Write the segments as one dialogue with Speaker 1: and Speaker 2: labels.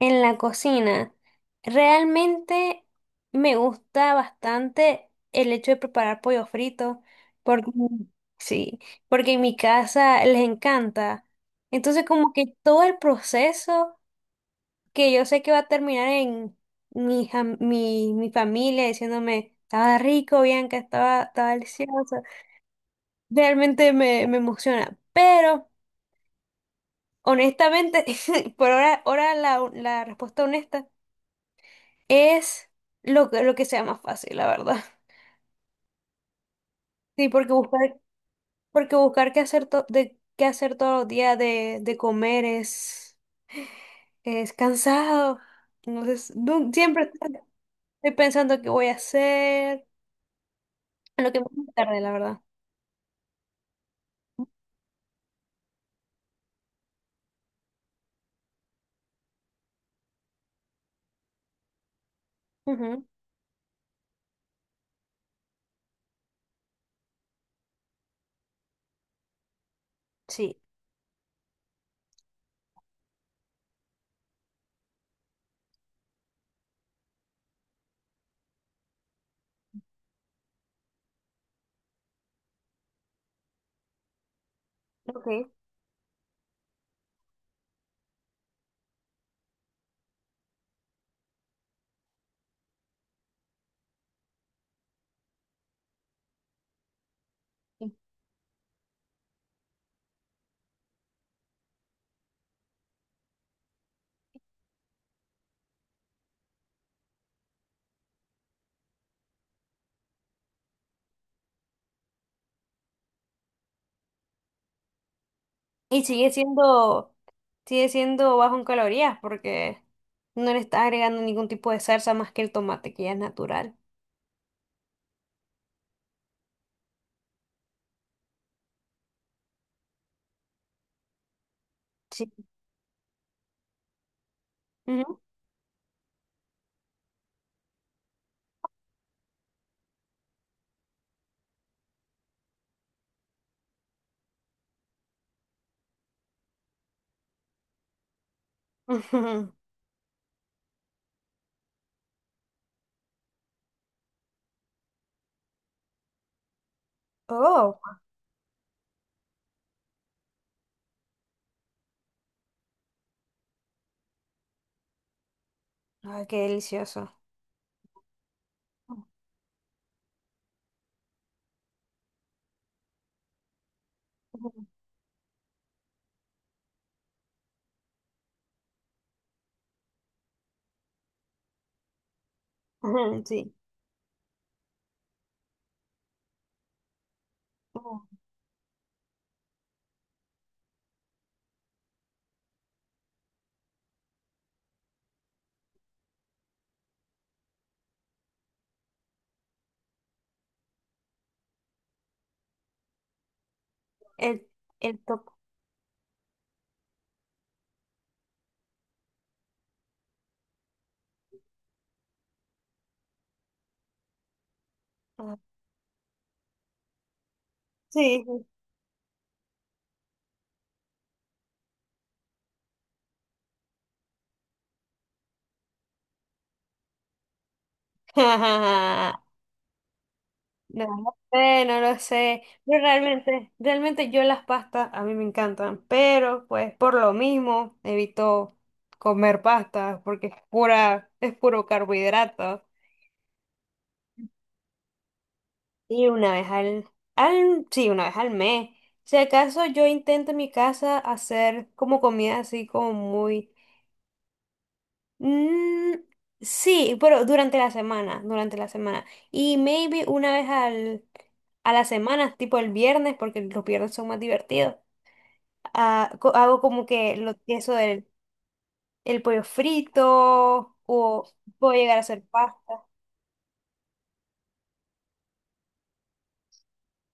Speaker 1: En la cocina, realmente me gusta bastante el hecho de preparar pollo frito, porque sí, porque en mi casa les encanta. Entonces, como que todo el proceso que yo sé que va a terminar en mi familia diciéndome, estaba rico, Bianca, estaba, estaba delicioso. Realmente me emociona. Pero, honestamente, por ahora, ahora la respuesta honesta. Es lo que sea más fácil, la verdad. Sí, porque buscar qué hacer, qué hacer todos los días de comer es cansado. Entonces, siempre estoy pensando qué voy a hacer, en lo que más tarde, la verdad. Ujú. Sí, ok. Sí. Y sigue siendo bajo en calorías porque no le estás agregando ningún tipo de salsa más que el tomate, que ya es natural. Sí. Ujú. Oh. Ay, qué delicioso. Ujú. Ujú, sí. Ujú. El, el top. Ah, sí. Sí. No lo sé, no lo sé. Pero realmente, realmente yo las pastas a mí me encantan, pero pues por lo mismo evito comer pastas porque es pura, es puro carbohidrato. Y una vez al, al, sí, una vez al mes. Si acaso yo intento en mi casa hacer como comida así como muy. Mm, sí, pero durante la semana, durante la semana. Y maybe una vez al, a la semana, tipo el viernes, porque los viernes son más divertidos. Ah, hago como que lo, eso del el pollo frito o puedo llegar a hacer pasta.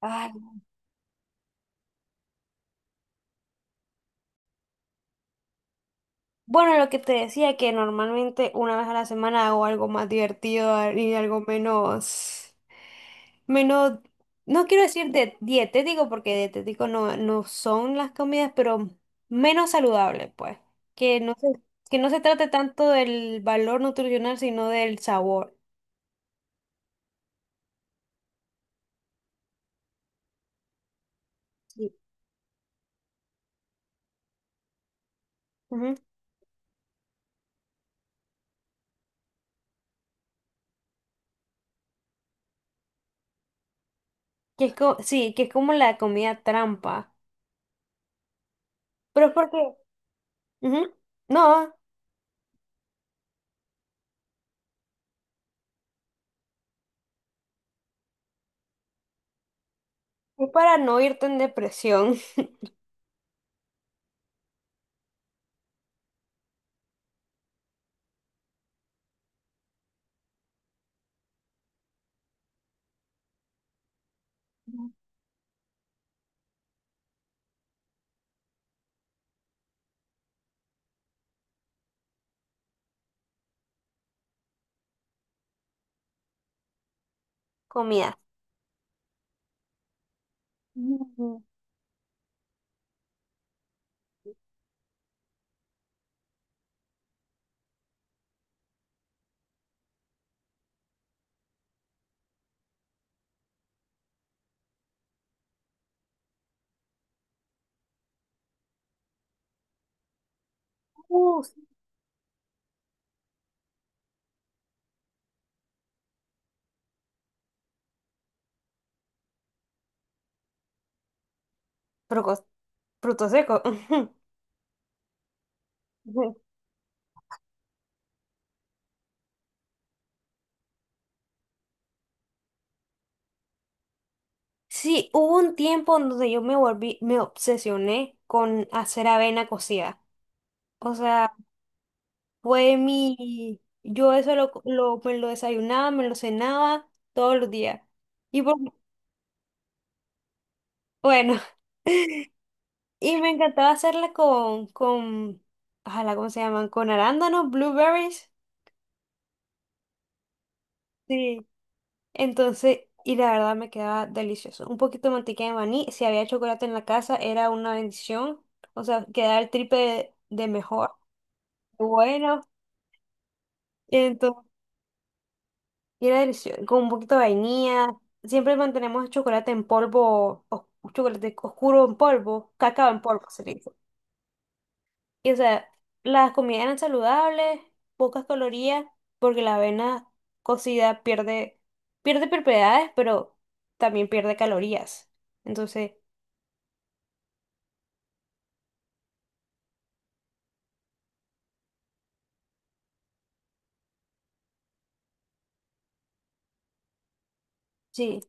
Speaker 1: Ay, bueno, lo que te decía, que normalmente una vez a la semana hago algo más divertido, ah, y algo menos. Menos, no quiero decir de dietético, porque dietético no, no son las comidas, pero menos saludable, pues. Que no se, que no se trate tanto del valor nutricional, sino del sabor. Sí. Ujú. Que es sí, que es como la comida trampa. Pero es porque, ujú, no, es para no irte en depresión. Comida. Mm. Sí. Frucos- frutos secos. Sí, hubo un tiempo en donde yo me volví, me obsesioné con hacer avena cocida. O sea, fue mi, yo eso me lo desayunaba, me lo cenaba todos los días. Y bueno, y me encantaba hacerla con, ojalá, ¿cómo se llaman? Con arándanos, blueberries. Sí. Entonces, y la verdad me quedaba delicioso. Un poquito de mantequilla de maní, si había chocolate en la casa, era una bendición. O sea, quedaba el triple de mejor. Bueno. Entonces, y era delicioso, con un poquito de vainilla. Siempre mantenemos chocolate en polvo, o chocolate oscuro en polvo, cacao en polvo se le dice. Y o sea, las comidas eran saludables, pocas calorías, porque la avena cocida pierde, pierde propiedades, pero también pierde calorías. Entonces, sí,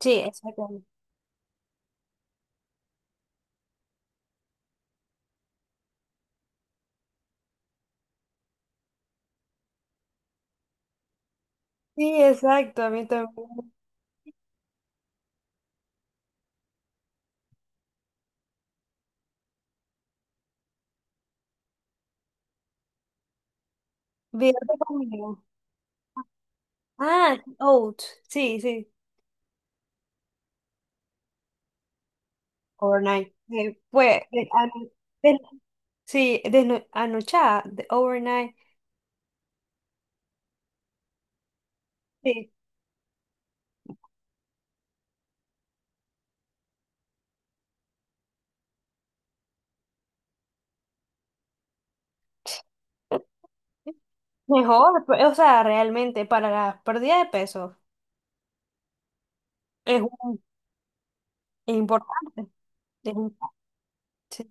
Speaker 1: sí, exacto. Sí, exacto, a mí también. Video de comida. Ah, oats, sí, sí. Overnight. Pues, de- sí, de anochada, de overnight. Sí. Mejor, o sea, realmente para la pérdida de peso es un- es importante. es un- sí.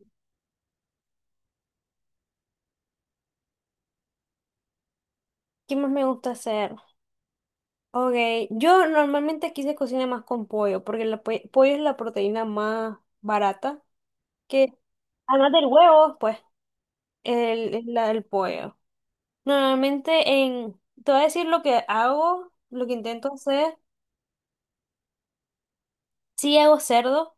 Speaker 1: ¿Qué más me gusta hacer? Ok, yo normalmente aquí se cocina más con pollo, porque el pollo es la proteína más barata que, además del huevo, pues, el, es la del pollo. Normalmente en, te voy a decir lo que hago, lo que intento hacer, sí hago cerdo.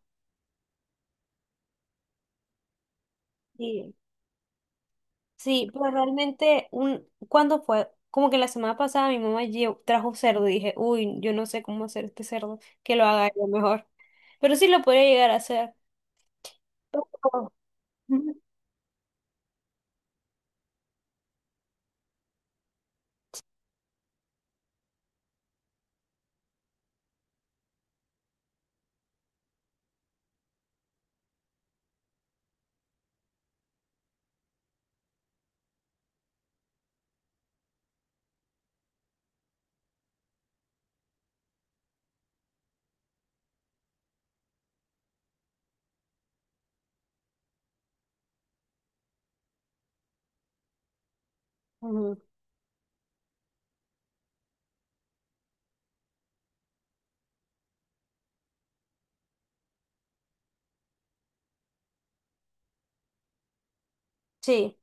Speaker 1: Sí, pero realmente, un, ¿cuándo fue? Como que la semana pasada mi mamá trajo cerdo y dije, uy, yo no sé cómo hacer este cerdo, que lo haga yo mejor. Pero sí lo podría llegar a hacer. Ujú. Ujú. Sí,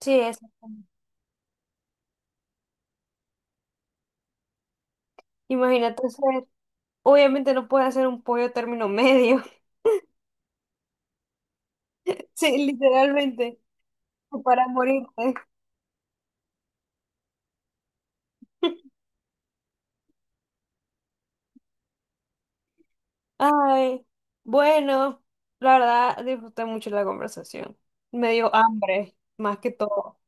Speaker 1: sí, eso. Imagínate hacer. Obviamente no puedes hacer un pollo término medio. Sí, literalmente, para morirte. Ay, bueno, la verdad disfruté mucho la conversación. Me dio hambre, más que todo.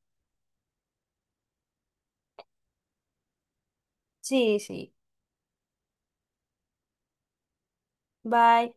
Speaker 1: Sí, sí. Bye.